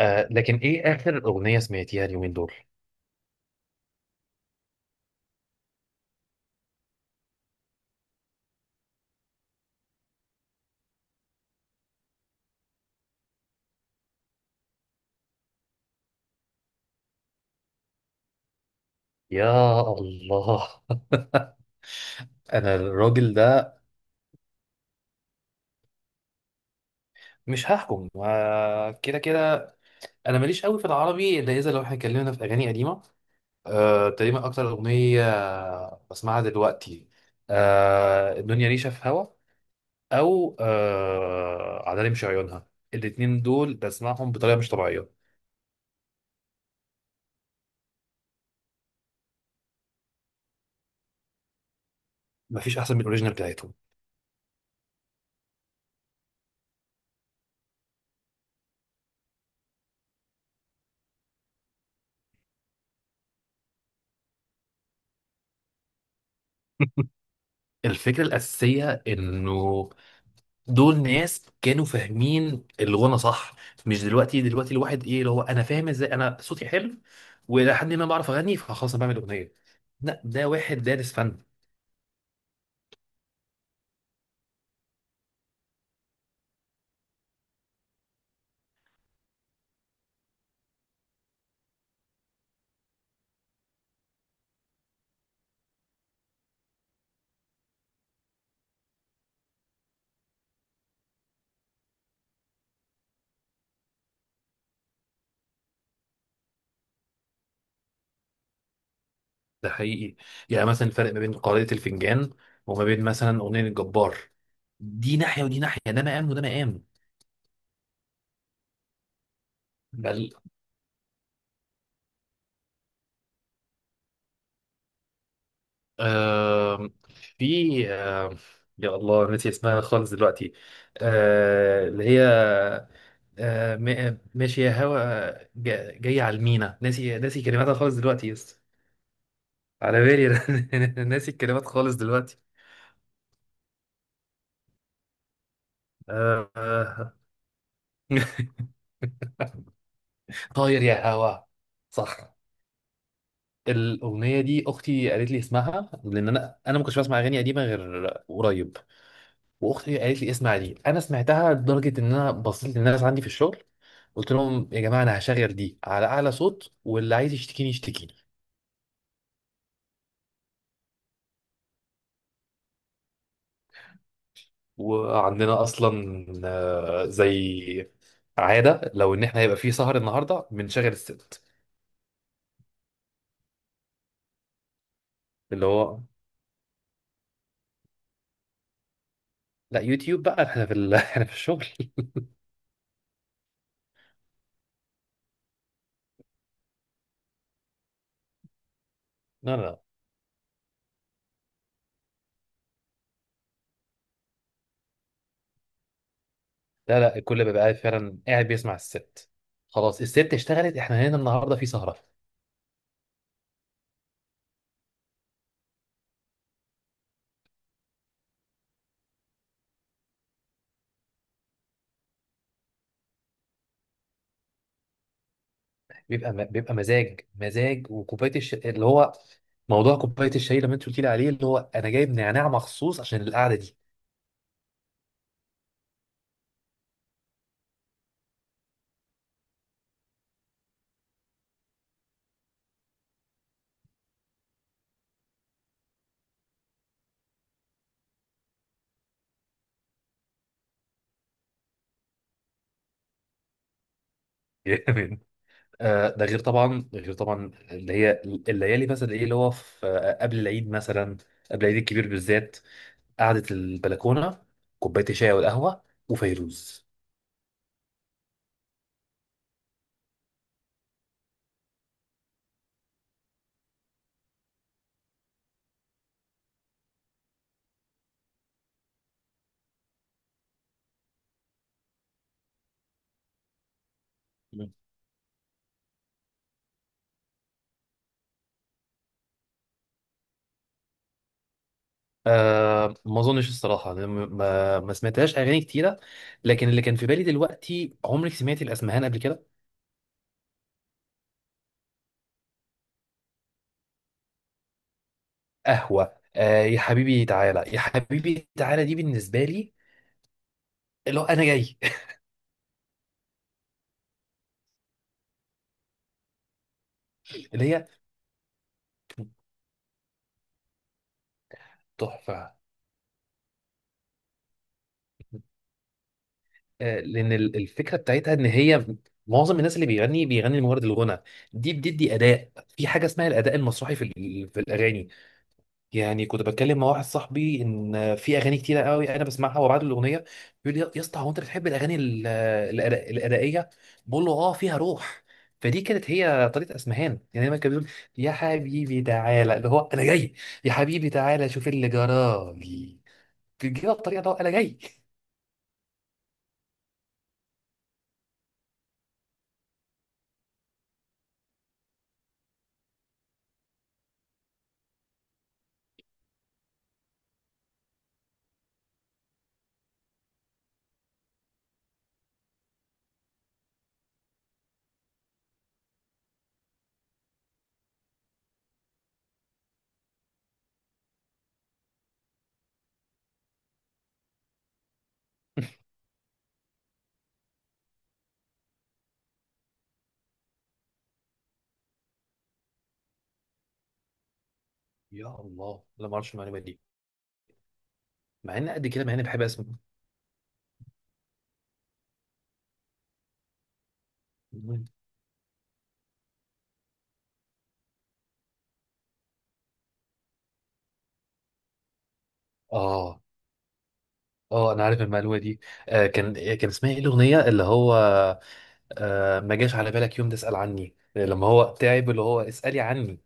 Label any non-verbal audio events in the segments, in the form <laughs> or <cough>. لكن ايه اخر اغنية سمعتيها اليومين دول؟ يا الله. <laughs> انا الراجل ده مش هحكم، كده كده. انا ماليش قوي في العربي، الا اذا لو احنا اتكلمنا في اغاني قديمة. تقريبا اكتر اغنية بسمعها دلوقتي، الدنيا ريشة في هوا، او عدالي مش عيونها. الاتنين دول بسمعهم بطريقة مش طبيعية. مفيش احسن من الاوريجينال بتاعتهم. <laughs> الفكرة الأساسية إنه دول ناس كانوا فاهمين الغنى صح، مش دلوقتي. دلوقتي الواحد، ايه اللي هو انا فاهم ازاي انا صوتي حلو والى حد ما بعرف اغني، فخلاص انا بعمل اغنيه. لا، ده واحد دارس فن. ده حقيقي. يعني مثلا الفرق ما بين قارئة الفنجان وما بين مثلا اغنيه الجبار، دي ناحيه ودي ناحيه، ده مقام وده مقام. بل. آه في، يا الله، نسي اسمها خالص دلوقتي. اللي هي، ماشي يا هوا، جاي على المينا، ناسي ناسي كلماتها خالص دلوقتي يس. على بالي. <laughs> أنا ناسي الكلمات خالص دلوقتي. آه آه. <laughs> طاير يا هوا. صح. الأغنية دي أختي قالت لي اسمها، لأن أنا ما كنتش بسمع أغاني قديمة غير قريب. وأختي قالت لي اسمع دي، أنا سمعتها لدرجة إن أنا بصيت للناس عندي في الشغل، قلت لهم يا جماعة، أنا هشغل دي على أعلى صوت واللي عايز يشتكيني يشتكي. وعندنا اصلا زي عاده، لو ان احنا هيبقى في سهر النهارده بنشغل الست. اللي هو لا، يوتيوب بقى. <laughs> <laughs> احنا في الشغل. <laughs> لا لا. لا لا، الكل بيبقى قاعد فعلا، قاعد بيسمع الست. خلاص، الست اشتغلت، احنا هنا النهارده في سهره. بيبقى مزاج مزاج، وكوبايه اللي هو موضوع كوبايه الشاي اللي انت قلت لي عليه، اللي هو انا جايب نعناع مخصوص عشان القعده دي. <laughs> ده غير طبعا، غير طبعا اللي هي الليالي مثلا، ايه اللي هو في، قبل العيد مثلا. قبل العيد الكبير بالذات. قعدة البلكونة، كوباية الشاي والقهوة، وفيروز. مم. ما اظنش الصراحة، أنا ما سمعتهاش اغاني كتيرة. لكن اللي كان في بالي دلوقتي، عمرك سمعتي الاسمهان قبل كده؟ قهوة. آه يا حبيبي تعالى. يا حبيبي تعالى، دي بالنسبة لي، اللي هو انا جاي. <laughs> اللي هي تحفة. لان الفكره بتاعتها ان هي، معظم الناس اللي بيغني بيغني لمجرد الغنى. دي بتدي اداء، في حاجه اسمها الاداء المسرحي في الاغاني. يعني كنت بتكلم مع واحد صاحبي، ان في اغاني كتيره قوي انا بسمعها، وبعد الاغنيه بيقول لي، يا اسطى هو انت بتحب الاغاني الادائيه؟ بقول له اه، فيها روح. فدي كانت هي طريقه اسمهان. يعني دايما كان بيقول، يا حبيبي تعالى اللي هو انا جاي، يا حبيبي تعالى شوف اللي جرالي. بتجيبها بطريقه اللي هو انا جاي. <laughs> يا الله، لا ما اعرفش المعلومه دي. مع ان قد كده، مع اني بحب اسمع. اه اه، انا عارف المعلومه دي. كان اسمها ايه الاغنيه اللي هو، ما جاش على بالك يوم تسال عني، لما هو تعب اللي هو اسالي عني.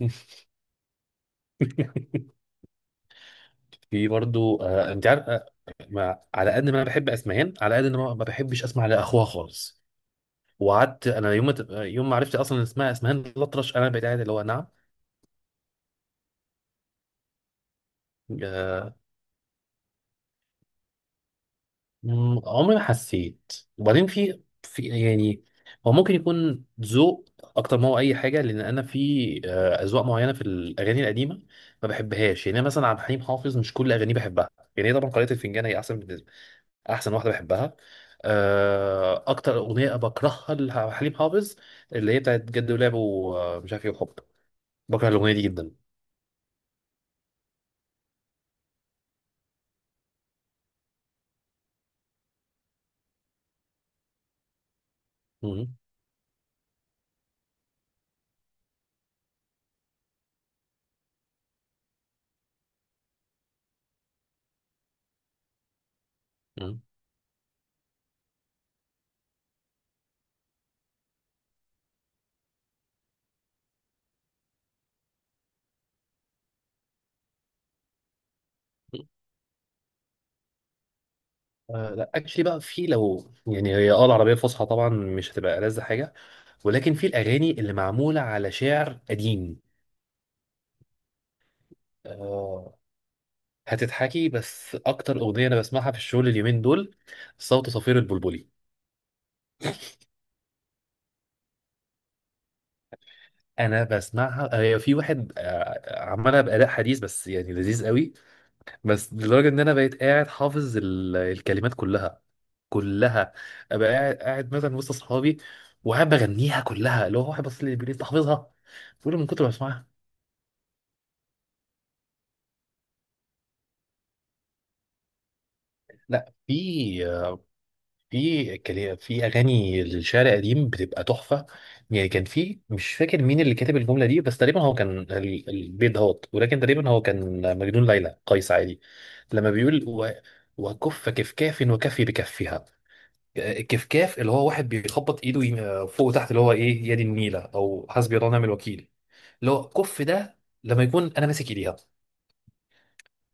<laughs> في برضو، انت عارف، ما على قد ما انا بحب اسمهان على قد ان انا ما بحبش اسمع لاخوها خالص. وقعدت انا يوم ما عرفت اصلا إن اسمها اسمهان الأطرش، انا بقيت قاعد اللي هو. نعم. عمري ما حسيت. وبعدين في يعني، هو ممكن يكون ذوق اكتر ما هو اي حاجه، لان انا في اذواق معينه في الاغاني القديمه ما بحبهاش. يعني أنا مثلا عبد الحليم حافظ مش كل اغانيه بحبها. يعني هي طبعا قارئة الفنجان هي احسن بالنسبه، احسن واحده بحبها. اكتر اغنيه بكرهها لعبد الحليم حافظ اللي هي بتاعت جد ولعب ومش عارف ايه وحب، بكره الاغنيه دي جدا. مم، مم. لا اكشلي بقى، في لو يعني هي العربيه الفصحى طبعا مش هتبقى ألذ حاجه. ولكن في الأغاني اللي معمولة على شعر قديم. آه هتضحكي، بس أكتر أغنية أنا بسمعها في الشغل اليومين دول، صوت صفير البلبلي. أنا بسمعها. في واحد عملها بأداء حديث، بس يعني لذيذ قوي. بس لدرجة إن أنا بقيت قاعد حافظ الكلمات كلها كلها. أبقى قاعد قاعد مثلا وسط أصحابي، وقاعد بغنيها كلها، اللي هو واحد بس اللي بيقول لي، أنت حافظها؟ بقول له، من كتر ما بسمعها. لا، في اغاني للشعر القديم بتبقى تحفه. يعني كان في، مش فاكر مين اللي كاتب الجمله دي، بس تقريبا هو كان البيت دهوت، ولكن تقريبا هو كان مجنون ليلى قيس عادي. لما بيقول وكف كفكاف وكفي بكفها. كفكاف اللي هو واحد بيخبط ايده، فوق وتحت، اللي هو ايه، يد النيله او حسبي الله ونعم الوكيل، اللي هو كف ده لما يكون انا ماسك ايديها.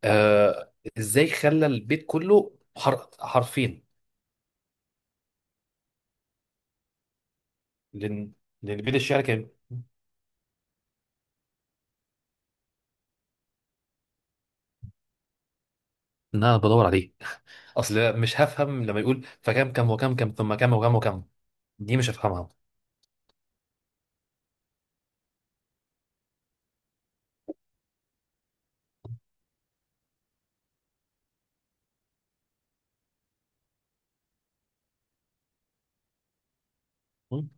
ازاي خلى البيت كله حرفين. لان لان بيت الشعر كان ان انا بدور عليه، اصل. مش هفهم لما يقول، فكم كم وكم كم ثم كم وكم وكم، دي مش هفهمها. مم.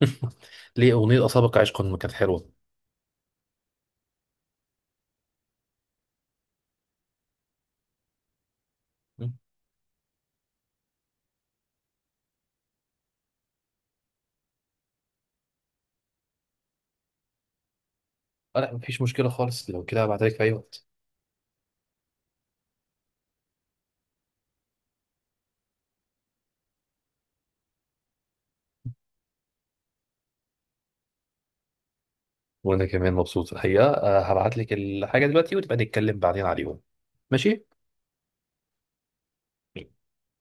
<laughs> ليه اغنيه اصابك عشق ما كانت حلوه؟ مم. لا مفيش مشكله خالص، لو كده هبعتلك في اي وقت. وانا كمان مبسوط الحقيقه، هبعتلك الحاجه دلوقتي وتبقى نتكلم بعدين عليهم. ماشي.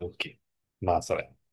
اوكي. مع السلامه.